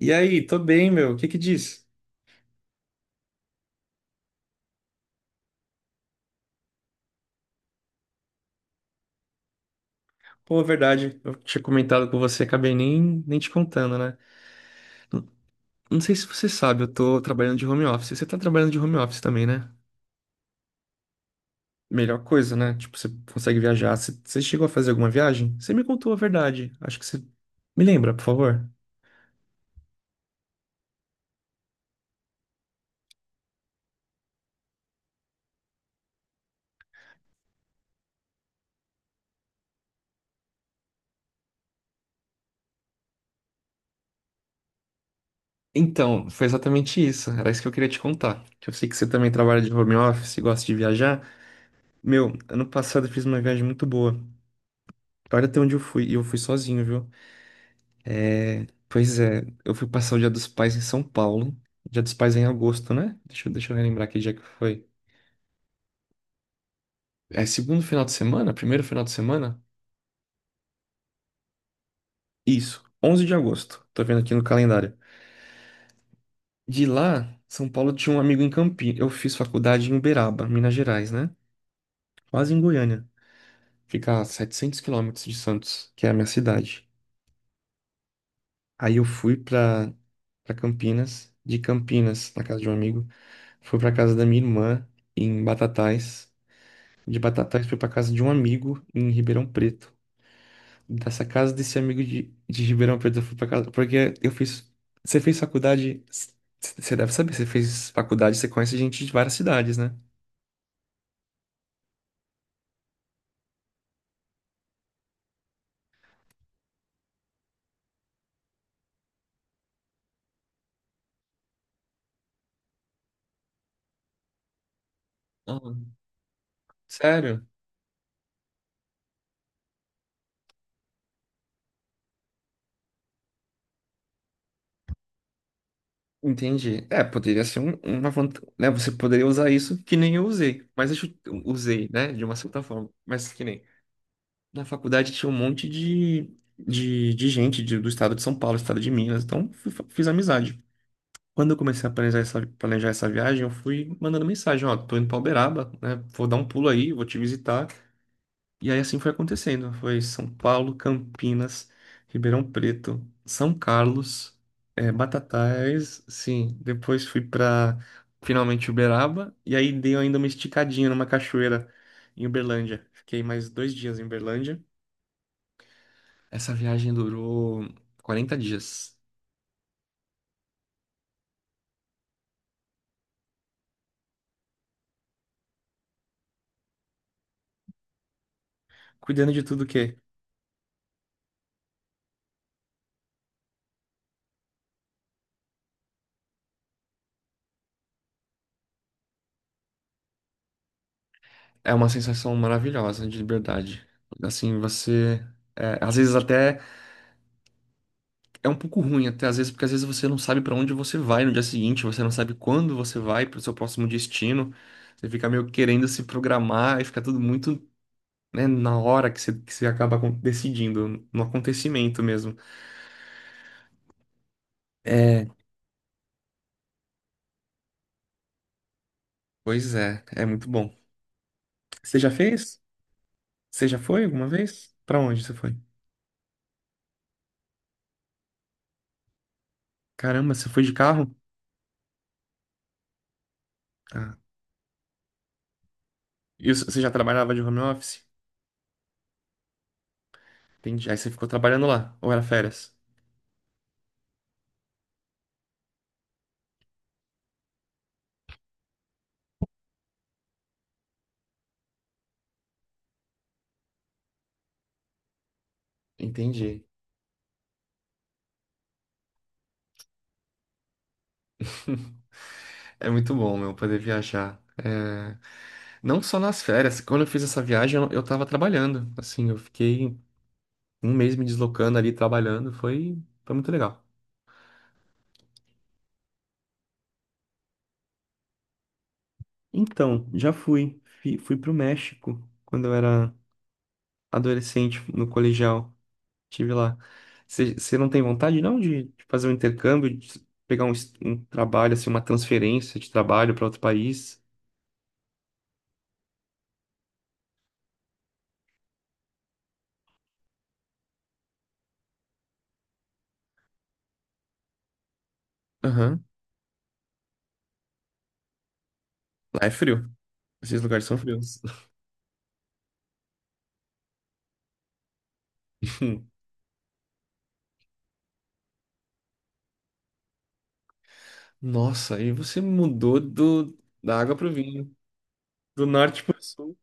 E aí, tô bem, meu. O que que diz? Pô, é verdade, eu tinha comentado com você, acabei nem te contando, né? Não, não sei se você sabe, eu tô trabalhando de home office. Você tá trabalhando de home office também, né? Melhor coisa, né? Tipo, você consegue viajar. Você chegou a fazer alguma viagem? Você me contou a verdade. Acho que você. Me lembra, por favor. Então, foi exatamente isso. Era isso que eu queria te contar. Que eu sei que você também trabalha de home office e gosta de viajar. Meu, ano passado eu fiz uma viagem muito boa. Olha até onde eu fui. E eu fui sozinho, viu? Pois é, eu fui passar o Dia dos Pais em São Paulo. Dia dos Pais é em agosto, né? Deixa, deixa eu relembrar aqui já que foi. É segundo final de semana? Primeiro final de semana? Isso, 11 de agosto. Tô vendo aqui no calendário. De lá, São Paulo tinha um amigo em Campinas. Eu fiz faculdade em Uberaba, Minas Gerais, né? Quase em Goiânia. Fica a 700 quilômetros de Santos, que é a minha cidade. Aí eu fui pra Campinas, de Campinas, na casa de um amigo. Fui pra casa da minha irmã, em Batatais. De Batatais, fui pra casa de um amigo em Ribeirão Preto. Dessa casa desse amigo de Ribeirão Preto, eu fui pra casa. Porque eu fiz. Você fez faculdade. Você deve saber, você fez faculdade, você conhece gente de várias cidades, né? Aham. Sério? Entendi. É, poderia ser uma vantagem, né? Você poderia usar isso que nem eu usei, mas eu usei, né? De uma certa forma, mas que nem. Na faculdade tinha um monte de gente do estado de São Paulo, estado de Minas, então fiz amizade. Quando eu comecei a planejar essa viagem, eu fui mandando mensagem, ó, tô indo pra Uberaba, né? Vou dar um pulo aí, vou te visitar. E aí assim foi acontecendo. Foi São Paulo, Campinas, Ribeirão Preto, São Carlos, Batatais, sim. Depois fui pra finalmente Uberaba e aí dei ainda uma esticadinha numa cachoeira em Uberlândia. Fiquei mais 2 dias em Uberlândia. Essa viagem durou 40 dias. Cuidando de tudo o quê? É uma sensação maravilhosa de liberdade. Assim, você. É, às vezes até é um pouco ruim, até às vezes, porque às vezes você não sabe para onde você vai no dia seguinte, você não sabe quando você vai para o seu próximo destino. Você fica meio querendo se programar e fica tudo muito, né, na hora que você acaba decidindo, no acontecimento mesmo. É, pois é, é muito bom. Você já fez? Você já foi alguma vez? Para onde você foi? Caramba, você foi de carro? Ah. E você já trabalhava de home office? Entendi. Aí você ficou trabalhando lá, ou era férias? Entendi. É muito bom, meu, poder viajar. É, não só nas férias. Quando eu fiz essa viagem, eu tava trabalhando. Assim, eu fiquei um mês me deslocando ali, trabalhando. Foi muito legal. Então, já fui. Fui pro México quando eu era adolescente, no colegial. Tive lá. Você não tem vontade, não, de fazer um intercâmbio, de pegar um trabalho, assim, uma transferência de trabalho para outro país? Aham. Lá é frio. Esses lugares são frios. Nossa, aí você mudou do, da água pro vinho, do norte pro sul.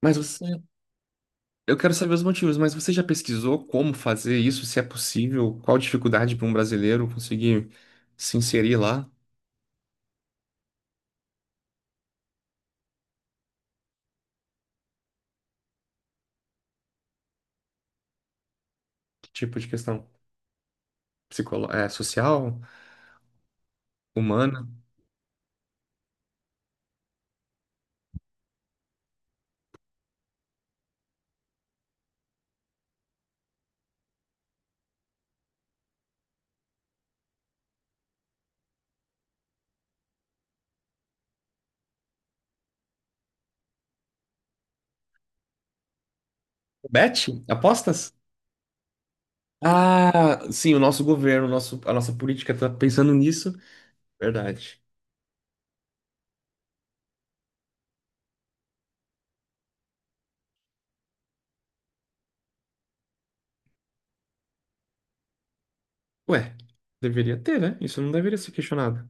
Mas você, eu quero saber os motivos, mas você já pesquisou como fazer isso, se é possível, qual a dificuldade para um brasileiro conseguir se inserir lá? Que tipo de questão? Psicolo... É, social? Humana? Bet? Apostas? Ah, sim, o nosso governo, o nosso, a nossa política tá pensando nisso. Verdade. Ué, deveria ter, né? Isso não deveria ser questionado.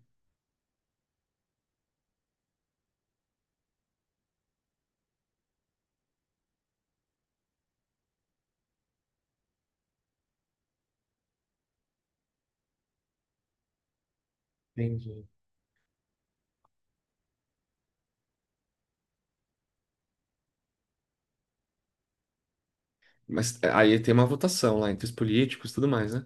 Entendi. Mas aí tem uma votação lá entre os políticos e tudo mais, né?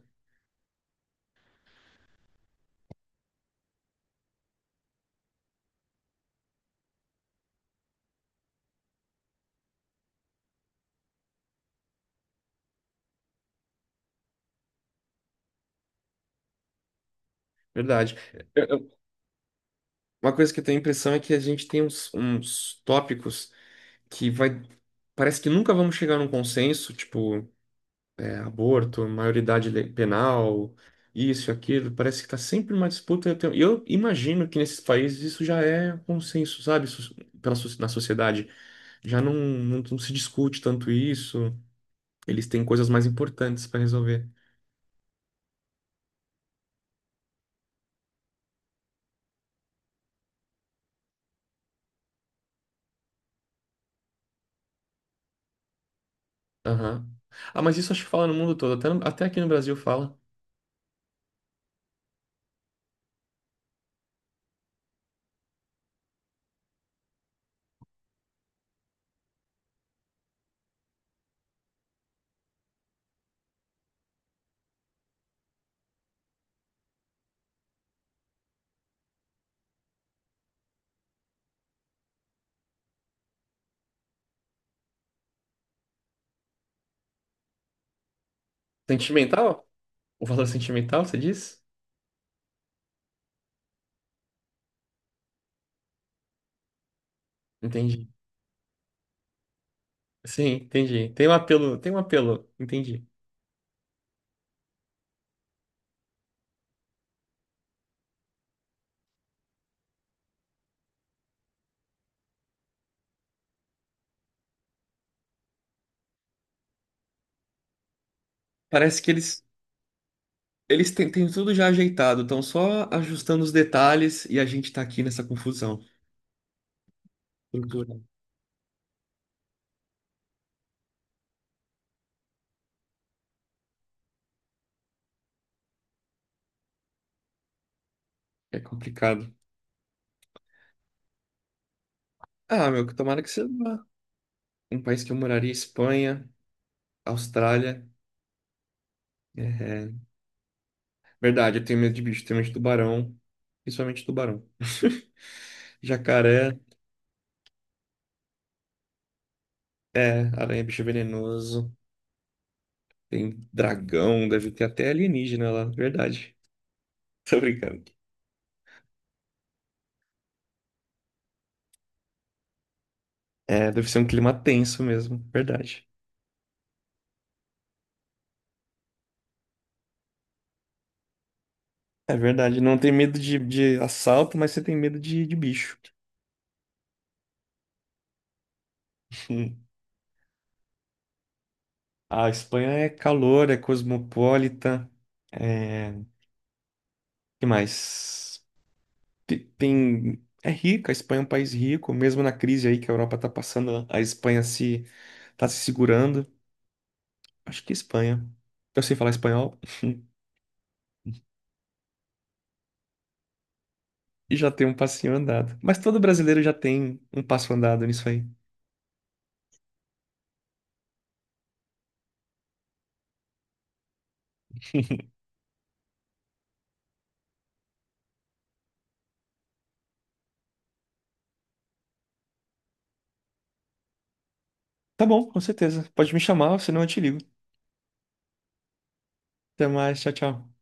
Verdade. Eu- eu- uma coisa que eu tenho a impressão é que a gente tem uns tópicos que vai. Parece que nunca vamos chegar num consenso, tipo, é, aborto, maioridade penal, isso, aquilo. Parece que tá sempre uma disputa. Eu imagino que nesses países isso já é consenso, sabe? Pela, na sociedade. Já não se discute tanto isso. Eles têm coisas mais importantes para resolver. Aham. Ah, mas isso acho que fala no mundo todo, até, até aqui no Brasil fala. Sentimental? O valor sentimental, você diz? Entendi. Sim, entendi. Tem um apelo, entendi. Parece que eles têm, têm tudo já ajeitado, estão só ajustando os detalhes e a gente tá aqui nessa confusão. Cultura. É complicado. Ah, meu, que tomara que você vá. Um país que eu moraria, Espanha, Austrália. É, verdade, eu tenho medo de bicho, tenho medo de tubarão, principalmente tubarão. Jacaré, é, aranha, bicho venenoso. Tem dragão, deve ter até alienígena lá, verdade. Tô brincando. É, deve ser um clima tenso mesmo, verdade. É verdade, não tem medo de assalto, mas você tem medo de bicho. Hum. A Espanha é calor, é cosmopolita, é... que mais? Tem... É rica, a Espanha é um país rico, mesmo na crise aí que a Europa tá passando, a Espanha se tá se segurando. Acho que é Espanha. Eu sei falar espanhol. E já tem um passinho andado. Mas todo brasileiro já tem um passo andado nisso aí. Tá bom, com certeza. Pode me chamar, senão eu te ligo. Até mais, tchau, tchau.